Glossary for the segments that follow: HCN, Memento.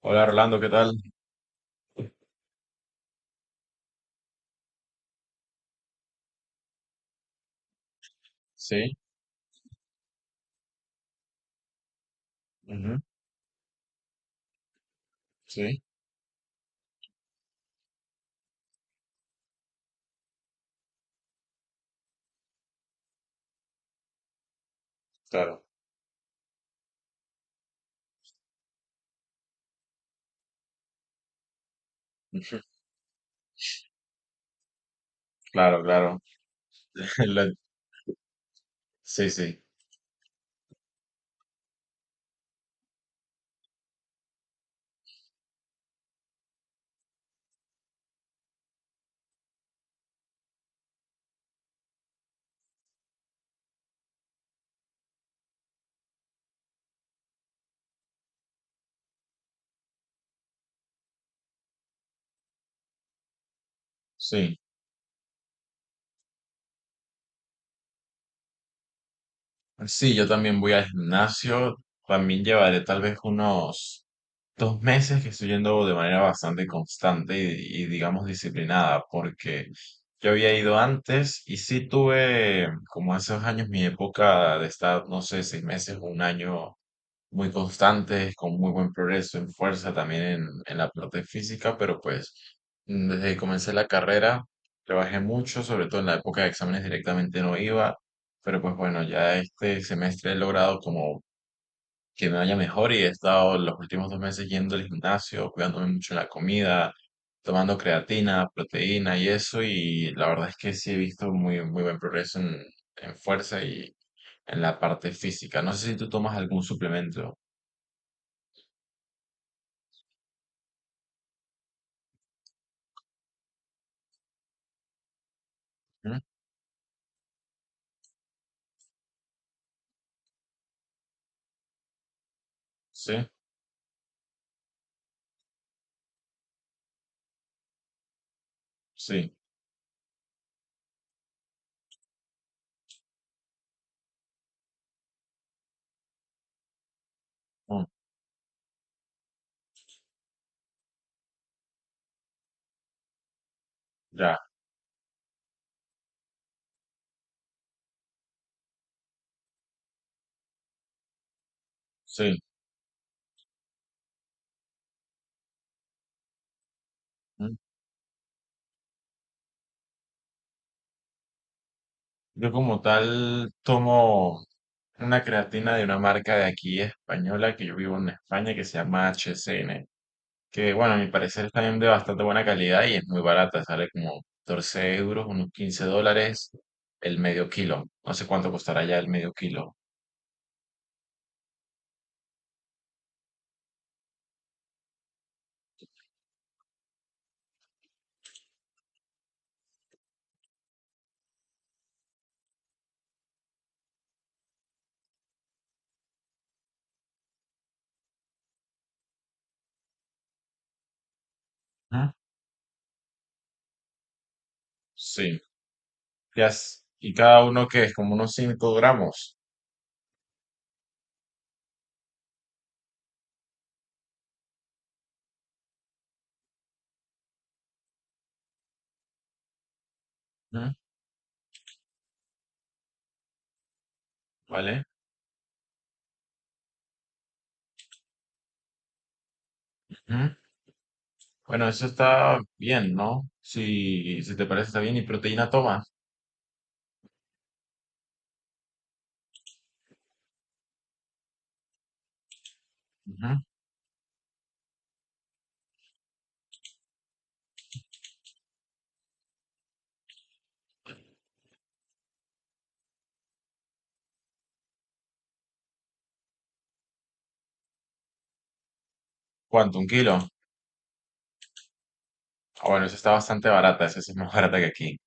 Hola, Rolando, ¿qué tal? Sí, ujú, sí, claro, ujú, claro, claro. Lo- Sí, sí, sí. Sí, yo también voy al gimnasio. También llevaré tal vez unos 2 meses que estoy yendo de manera bastante constante y, digamos disciplinada, porque yo había ido antes y sí tuve como hace 2 años mi época de estar, no sé, 6 meses o un año muy constantes, con muy buen progreso en fuerza, también en la parte física, pero pues desde que comencé la carrera trabajé mucho, sobre todo en la época de exámenes directamente no iba, pero pues bueno, ya este semestre he logrado como que me vaya mejor y he estado los últimos 2 meses yendo al gimnasio, cuidándome mucho en la comida, tomando creatina, proteína y eso, y la verdad es que sí he visto muy, muy buen progreso en fuerza y en la parte física. No sé si tú tomas algún suplemento. Sí, sí, mm, ya, sí. mm. Yo como tal tomo una creatina de una marca de aquí española que yo vivo en España que se llama HCN, que bueno, a mi parecer es también de bastante buena calidad y es muy barata, sale como 14 euros, unos 15 dólares el medio kilo. No sé cuánto costará ya el medio kilo. ¿Mm? Sí, ya, y cada uno que es como unos 5 gramos. ¿Mm? ¿Vale? Bueno, eso está bien, ¿no? Si te parece, está bien. ¿Y proteína tomas? Ujú. ¿Cuánto? ¿Un kilo? Ah, bueno, esa está bastante barata. Esa sí es más barata que aquí.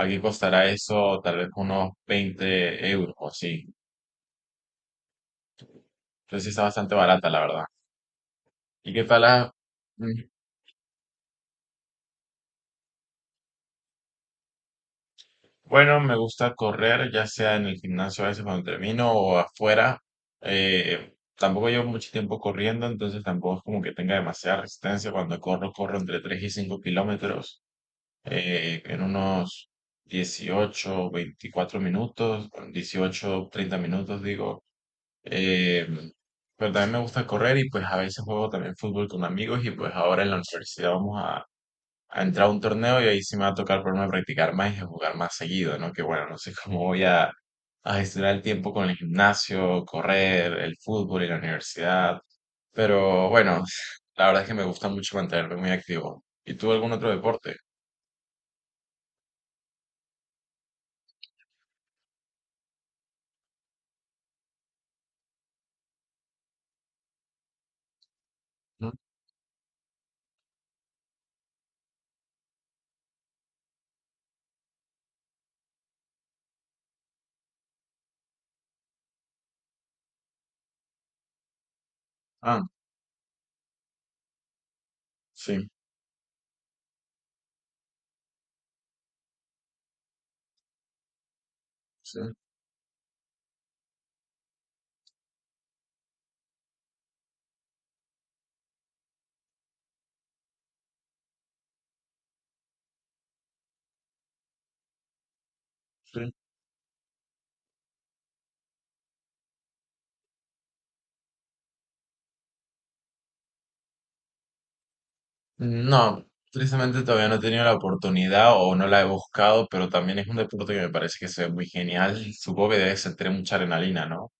Aquí costará eso tal vez unos 20 euros o así. Entonces sí está bastante barata, la verdad. ¿Y qué tal la...? Mm, Bueno, me gusta correr, ya sea en el gimnasio a veces cuando termino o afuera. Tampoco llevo mucho tiempo corriendo, entonces tampoco es como que tenga demasiada resistencia. Cuando corro, corro entre 3 y 5 kilómetros. En unos 18, 24 minutos, 18 30 minutos, digo. Eh, pero también me gusta correr y pues a veces juego también fútbol con amigos y pues ahora en la universidad vamos a entrar a un torneo y ahí sí me va a tocar ponerme a practicar más y a jugar más seguido, ¿no? Que bueno, no sé cómo voy a gestionar el tiempo con el gimnasio, correr, el fútbol y la universidad. Pero bueno, la verdad es que me gusta mucho mantenerme muy activo. ¿Y tú algún otro deporte? ¿Mm? Ah. Sí, sí, sí. No, tristemente todavía no he tenido la oportunidad o no la he buscado, pero también es un deporte que me parece que se ve muy genial. Supongo que debe sentir mucha adrenalina, ¿no?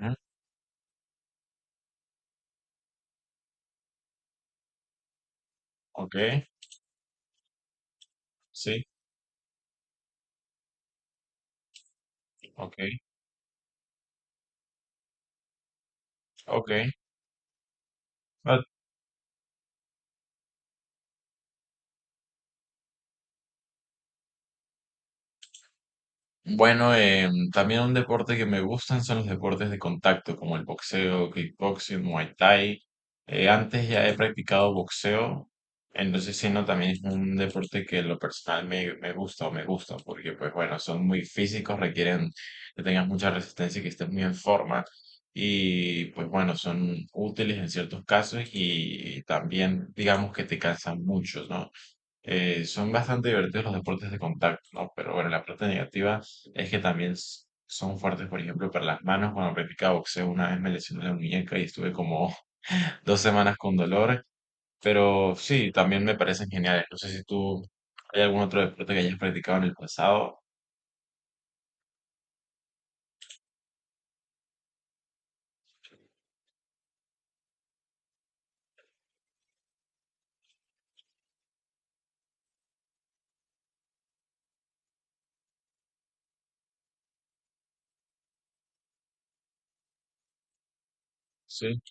Ujú. Ok, sí, ok, ok. Bueno, también un deporte que me gustan son los deportes de contacto, como el boxeo, kickboxing, muay thai. Antes ya he practicado boxeo, entonces sí, no, también es un deporte que en lo personal me gusta o me gusta, porque pues bueno, son muy físicos, requieren que tengas mucha resistencia y que estés muy en forma. Y pues bueno, son útiles en ciertos casos y también digamos que te cansan mucho, ¿no? Son bastante divertidos los deportes de contacto, ¿no? Pero bueno, la parte negativa es que también son fuertes, por ejemplo, para las manos. Cuando practicaba boxeo una vez me lesioné la muñeca y estuve como 2 semanas con dolor, pero sí, también me parecen geniales. No sé si tú hay algún otro deporte que hayas practicado en el pasado. Sí,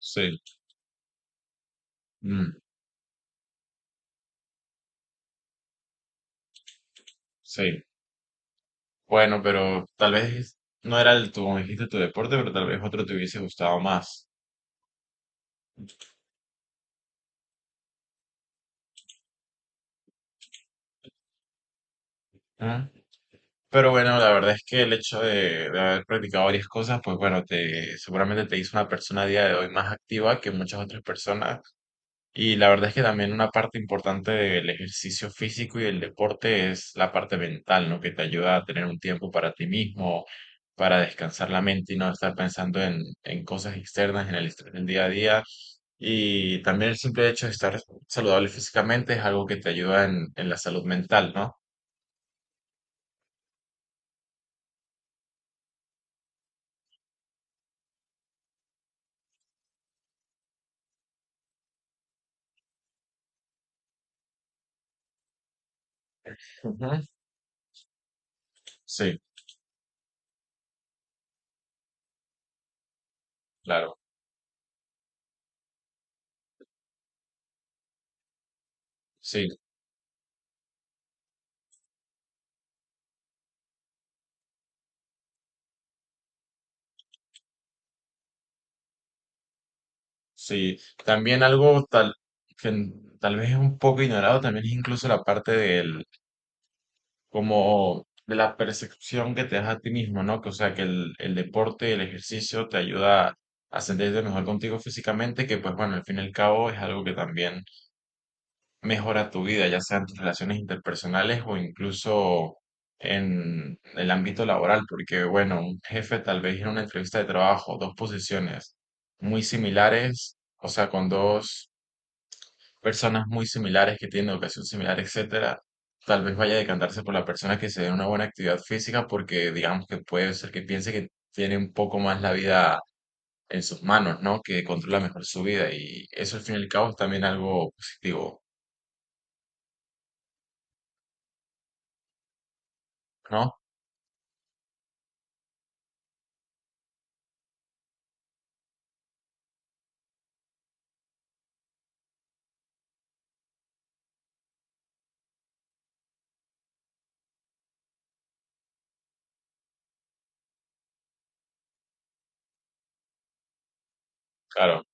sí, mm, sí. Bueno, pero tal vez no era el tu, como dijiste, tu deporte, pero tal vez otro te hubiese gustado más. Pero bueno, la verdad es que el hecho de haber practicado varias cosas, pues bueno, te, seguramente te hizo una persona a día de hoy más activa que muchas otras personas. Y la verdad es que también una parte importante del ejercicio físico y del deporte es la parte mental, ¿no? Que te ayuda a tener un tiempo para ti mismo, para descansar la mente y no estar pensando en cosas externas, en el estrés del día a día. Y también el simple hecho de estar saludable físicamente es algo que te ayuda en la salud mental, ¿no? Ujú. Sí, claro. Sí. Sí, también algo que n- tal vez es un poco ignorado también es incluso la parte del como de la percepción que te das a ti mismo, ¿no? Que o sea que el deporte, el ejercicio te ayuda a sentirte mejor contigo físicamente, que pues bueno, al fin y al cabo es algo que también mejora tu vida, ya sea en tus relaciones interpersonales o incluso en el ámbito laboral, porque bueno, un jefe tal vez en una entrevista de trabajo, dos posiciones muy similares, o sea, con dos personas muy similares que tienen educación similar, etcétera, tal vez vaya a decantarse por la persona que se dé una buena actividad física porque digamos que puede ser que piense que tiene un poco más la vida en sus manos, ¿no? Que controla mejor su vida y eso al fin y al cabo es también algo positivo, ¿no? Claro,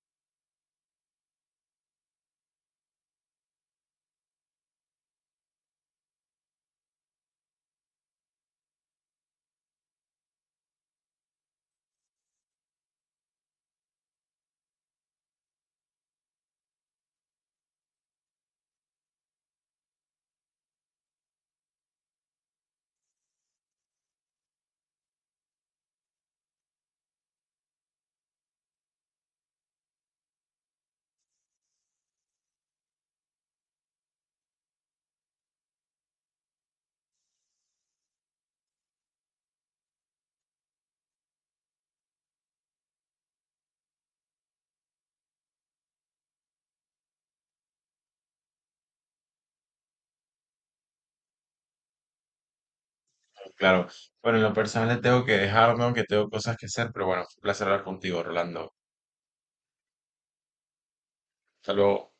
claro. Bueno, en lo personal le tengo que dejarme, aunque tengo cosas que hacer, pero bueno, fue un placer hablar contigo, Rolando. Hasta luego.